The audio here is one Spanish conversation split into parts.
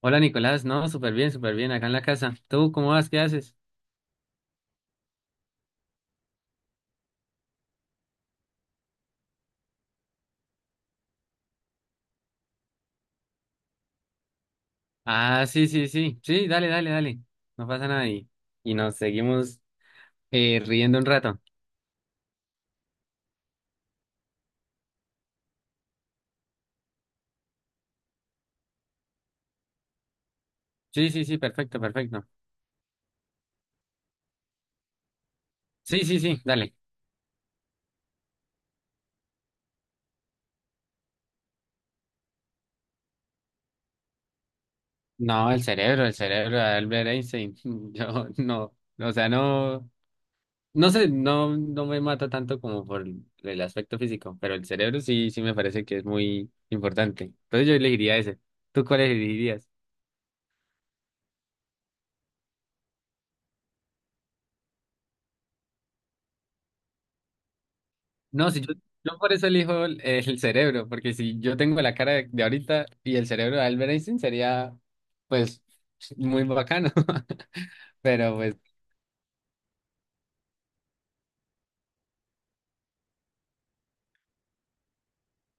Hola Nicolás, no, súper bien, acá en la casa. ¿Tú cómo vas? ¿Qué haces? Ah, sí, sí, sí, sí, dale, dale, dale. No pasa nada y nos seguimos riendo un rato. Sí, sí, sí, perfecto, perfecto. Sí, sí, sí, dale. No, el cerebro de Albert Einstein. Yo no, o sea, no, no sé, no, no me mata tanto como por el aspecto físico, pero el cerebro sí, sí me parece que es muy importante. Entonces yo elegiría ese. ¿Tú cuál elegirías? No, si yo por eso elijo el cerebro, porque si yo tengo la cara de ahorita y el cerebro de Albert Einstein sería, pues, muy bacano. Pero pues,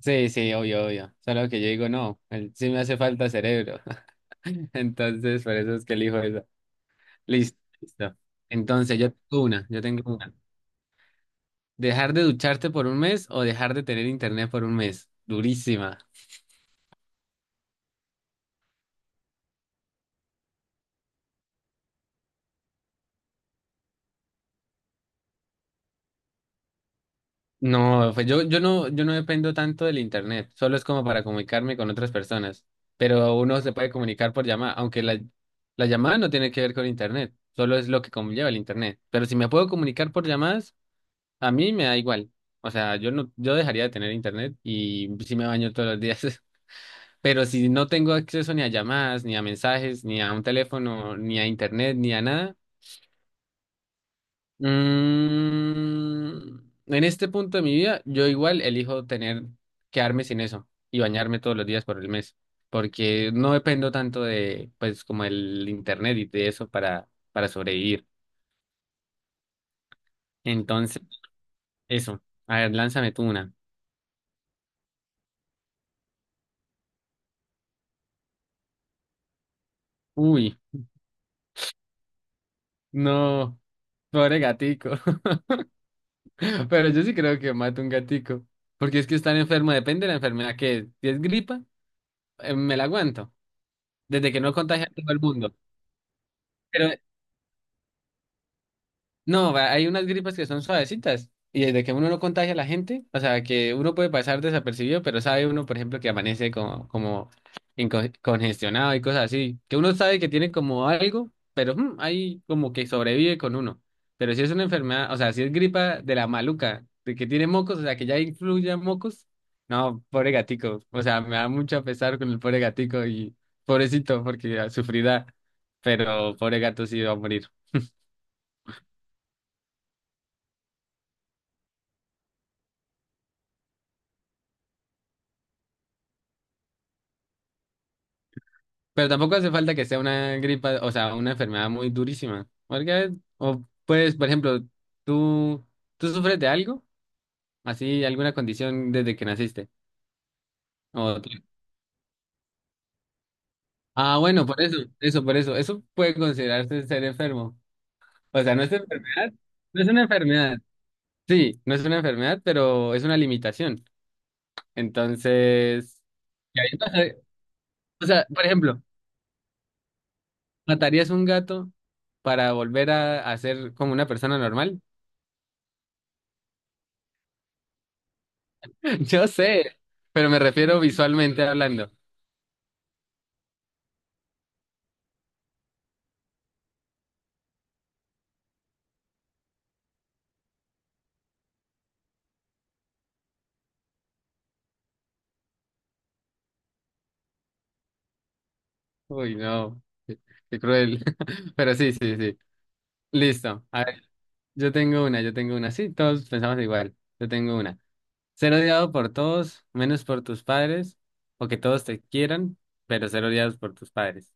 sí, sí, obvio, obvio. Solo que yo digo, no, sí me hace falta cerebro. Entonces, por eso es que elijo eso. Listo, listo. Entonces, yo tengo una. ¿Dejar de ducharte por un mes o dejar de tener internet por un mes? Durísima. No, pues yo no, yo no dependo tanto del internet, solo es como para comunicarme con otras personas, pero uno se puede comunicar por llamada, aunque la llamada no tiene que ver con internet, solo es lo que conlleva el internet, pero si me puedo comunicar por llamadas, a mí me da igual, o sea, yo no, yo dejaría de tener internet y sí me baño todos los días, pero si no tengo acceso ni a llamadas, ni a mensajes, ni a un teléfono, ni a internet, ni a nada. Mm, en este punto de mi vida, yo igual elijo quedarme sin eso y bañarme todos los días por el mes, porque no dependo tanto de, pues, como el internet y de eso para sobrevivir. Entonces, eso. A ver, lánzame tú una. Uy, no, pobre gatico. Pero yo sí creo que mato un gatico, porque es que estar enfermo depende de la enfermedad que es. Si es gripa, me la aguanto, desde que no contagie a todo el mundo. pero No, hay unas gripas que son suavecitas y desde que uno no contagia a la gente, o sea, que uno puede pasar desapercibido, pero sabe uno, por ejemplo, que amanece como congestionado y cosas así, que uno sabe que tiene como algo, pero ahí como que sobrevive con uno. Pero si es una enfermedad, o sea, si es gripa de la maluca, de que tiene mocos, o sea, que ya influye mocos, no, pobre gatico, o sea, me da mucho pesar con el pobre gatico y pobrecito porque sufrirá, pero pobre gato sí va a morir. Pero tampoco hace falta que sea una gripa, o sea, una enfermedad muy durísima. Porque, o pues, por ejemplo, ¿tú, ¿tú sufres de algo? Así, alguna condición desde que naciste. O- ah, bueno, por eso. Eso puede considerarse ser enfermo. O sea, no es enfermedad, no es una enfermedad. Sí, no es una enfermedad, pero es una limitación. Entonces, y ahí pasa- o sea, por ejemplo, ¿matarías un gato para volver a ser como una persona normal? Yo sé, pero me refiero visualmente hablando. Uy, no, qué, qué cruel. Pero sí, sí, sí. Listo. A ver, yo tengo una. Sí, todos pensamos igual. Yo tengo una. Ser odiado por todos, menos por tus padres, o que todos te quieran, pero ser odiados por tus padres.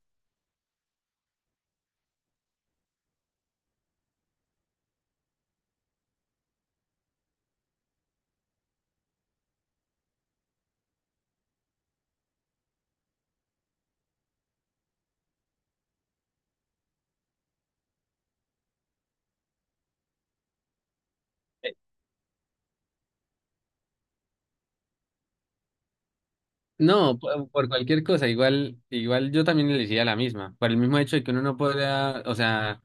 Eh, No, por cualquier cosa, igual, igual yo también elegiría la misma, por el mismo hecho de que uno no pueda, o sea,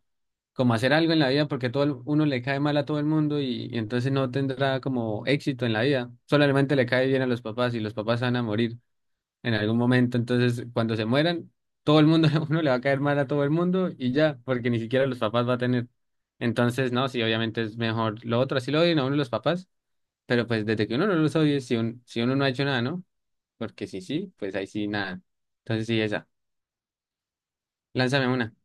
como hacer algo en la vida porque uno le cae mal a todo el mundo y entonces no tendrá como éxito en la vida. Solamente le cae bien a los papás y los papás se van a morir en algún momento. Entonces, cuando se mueran, todo el mundo, uno le va a caer mal a todo el mundo y ya, porque ni siquiera los papás va a tener. Entonces, no, sí, obviamente es mejor lo otro, así lo odian a uno los papás, pero pues desde que uno no los odie, si uno no ha hecho nada, ¿no? Porque si sí, pues ahí sí nada. Entonces, sí, esa. Lánzame una.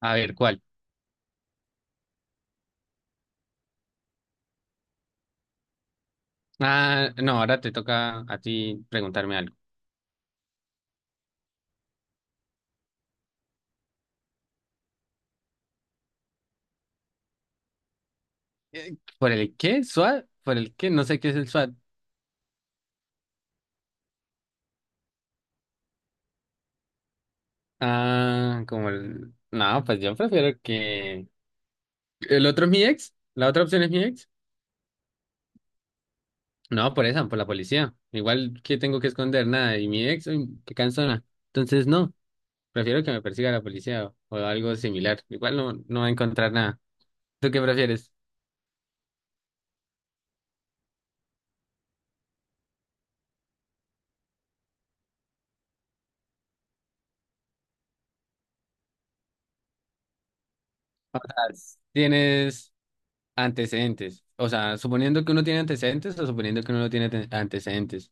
A ver, ¿cuál? Ah, no, ahora te toca a ti preguntarme algo. ¿Por el qué? ¿SWAT? ¿Por el qué? No sé qué es el SWAT. Ah, como el... No, pues yo prefiero que... ¿El otro es mi ex? ¿La otra opción es mi ex? No, por esa, por la policía. Igual que tengo que esconder nada. Y mi ex, uy, qué cansona. Entonces, no, prefiero que me persiga la policía o algo similar. Igual no, no va a encontrar nada. ¿Tú qué prefieres? ¿Tienes antecedentes? O sea, suponiendo que uno tiene antecedentes o suponiendo que uno no tiene antecedentes.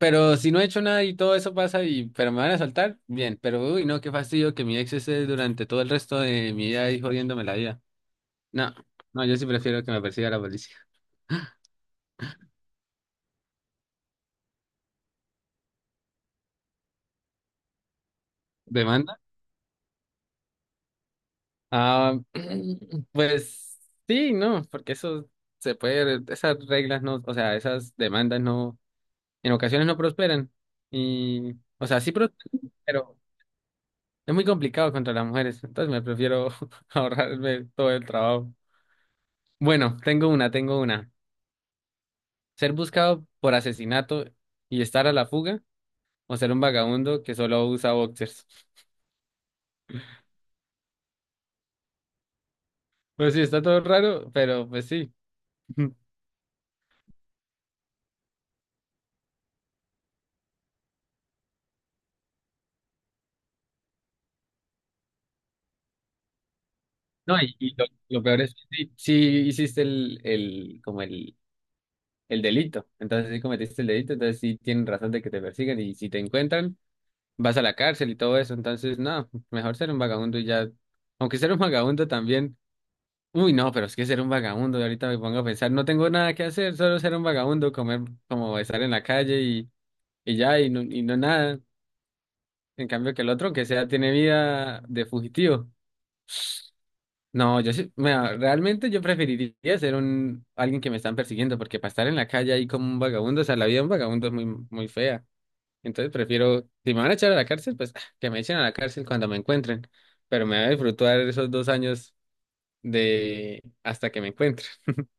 Pero si no he hecho nada y todo eso pasa y pero me van a soltar, bien, pero uy, no, qué fastidio que mi ex esté durante todo el resto de mi vida ahí jodiéndome la vida. No, no, yo sí prefiero que me persiga la policía. ¿Demanda? Ah, pues sí, no, porque eso se puede, esas reglas no, o sea, esas demandas no, en ocasiones no prosperan. Y, o sea, sí prosperan, pero es muy complicado contra las mujeres, entonces me prefiero ahorrarme todo el trabajo. Bueno, tengo una, tengo una. Ser buscado por asesinato y estar a la fuga, o ser un vagabundo que solo usa boxers. Pues sí, está todo raro, pero pues sí. No, y lo peor es que sí, sí hiciste el delito. Entonces sí cometiste el delito, entonces sí tienen razón de que te persigan y si te encuentran, vas a la cárcel y todo eso. Entonces, no, mejor ser un vagabundo y ya. Aunque ser un vagabundo también. Uy, no, pero es que ser un vagabundo, ahorita me pongo a pensar, no tengo nada que hacer, solo ser un vagabundo, comer como estar en la calle y ya, y no nada. En cambio que el otro, que sea, tiene vida de fugitivo. No, yo sí, mira, realmente yo preferiría ser un alguien que me están persiguiendo, porque para estar en la calle ahí como un vagabundo, o sea, la vida de un vagabundo es muy, muy fea. Entonces prefiero, si me van a echar a la cárcel, pues ah, que me echen a la cárcel cuando me encuentren. Pero me voy a disfrutar esos 2 años de hasta que me encuentren.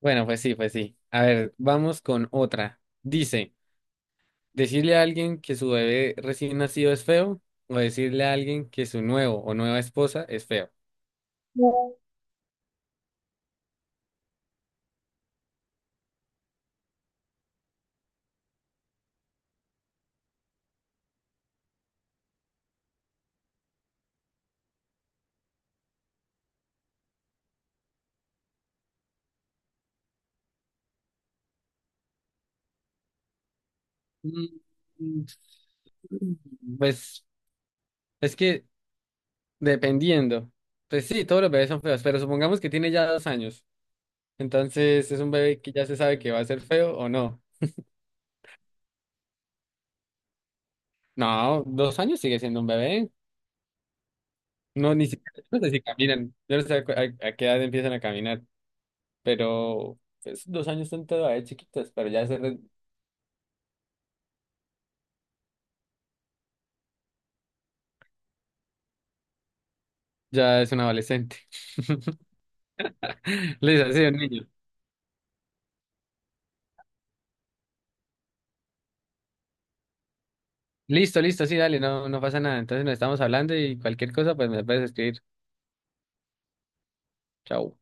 Bueno, pues sí, pues sí. A ver, vamos con otra. Dice. Decirle a alguien que su bebé recién nacido es feo o decirle a alguien que su nuevo o nueva esposa es feo. Mm, Pues es que dependiendo, pues sí, todos los bebés son feos, pero supongamos que tiene ya 2 años, entonces es un bebé que ya se sabe que va a ser feo o no. No, 2 años sigue siendo un bebé. No, ni siquiera, no sé si caminan, yo no sé a qué edad empiezan a caminar, pero pues, 2 años son todavía chiquitos, pero ya es un adolescente. Listo, sí, un niño. Listo, listo, sí, dale, no, no pasa nada. Entonces nos estamos hablando y cualquier cosa, pues me puedes escribir. Chao.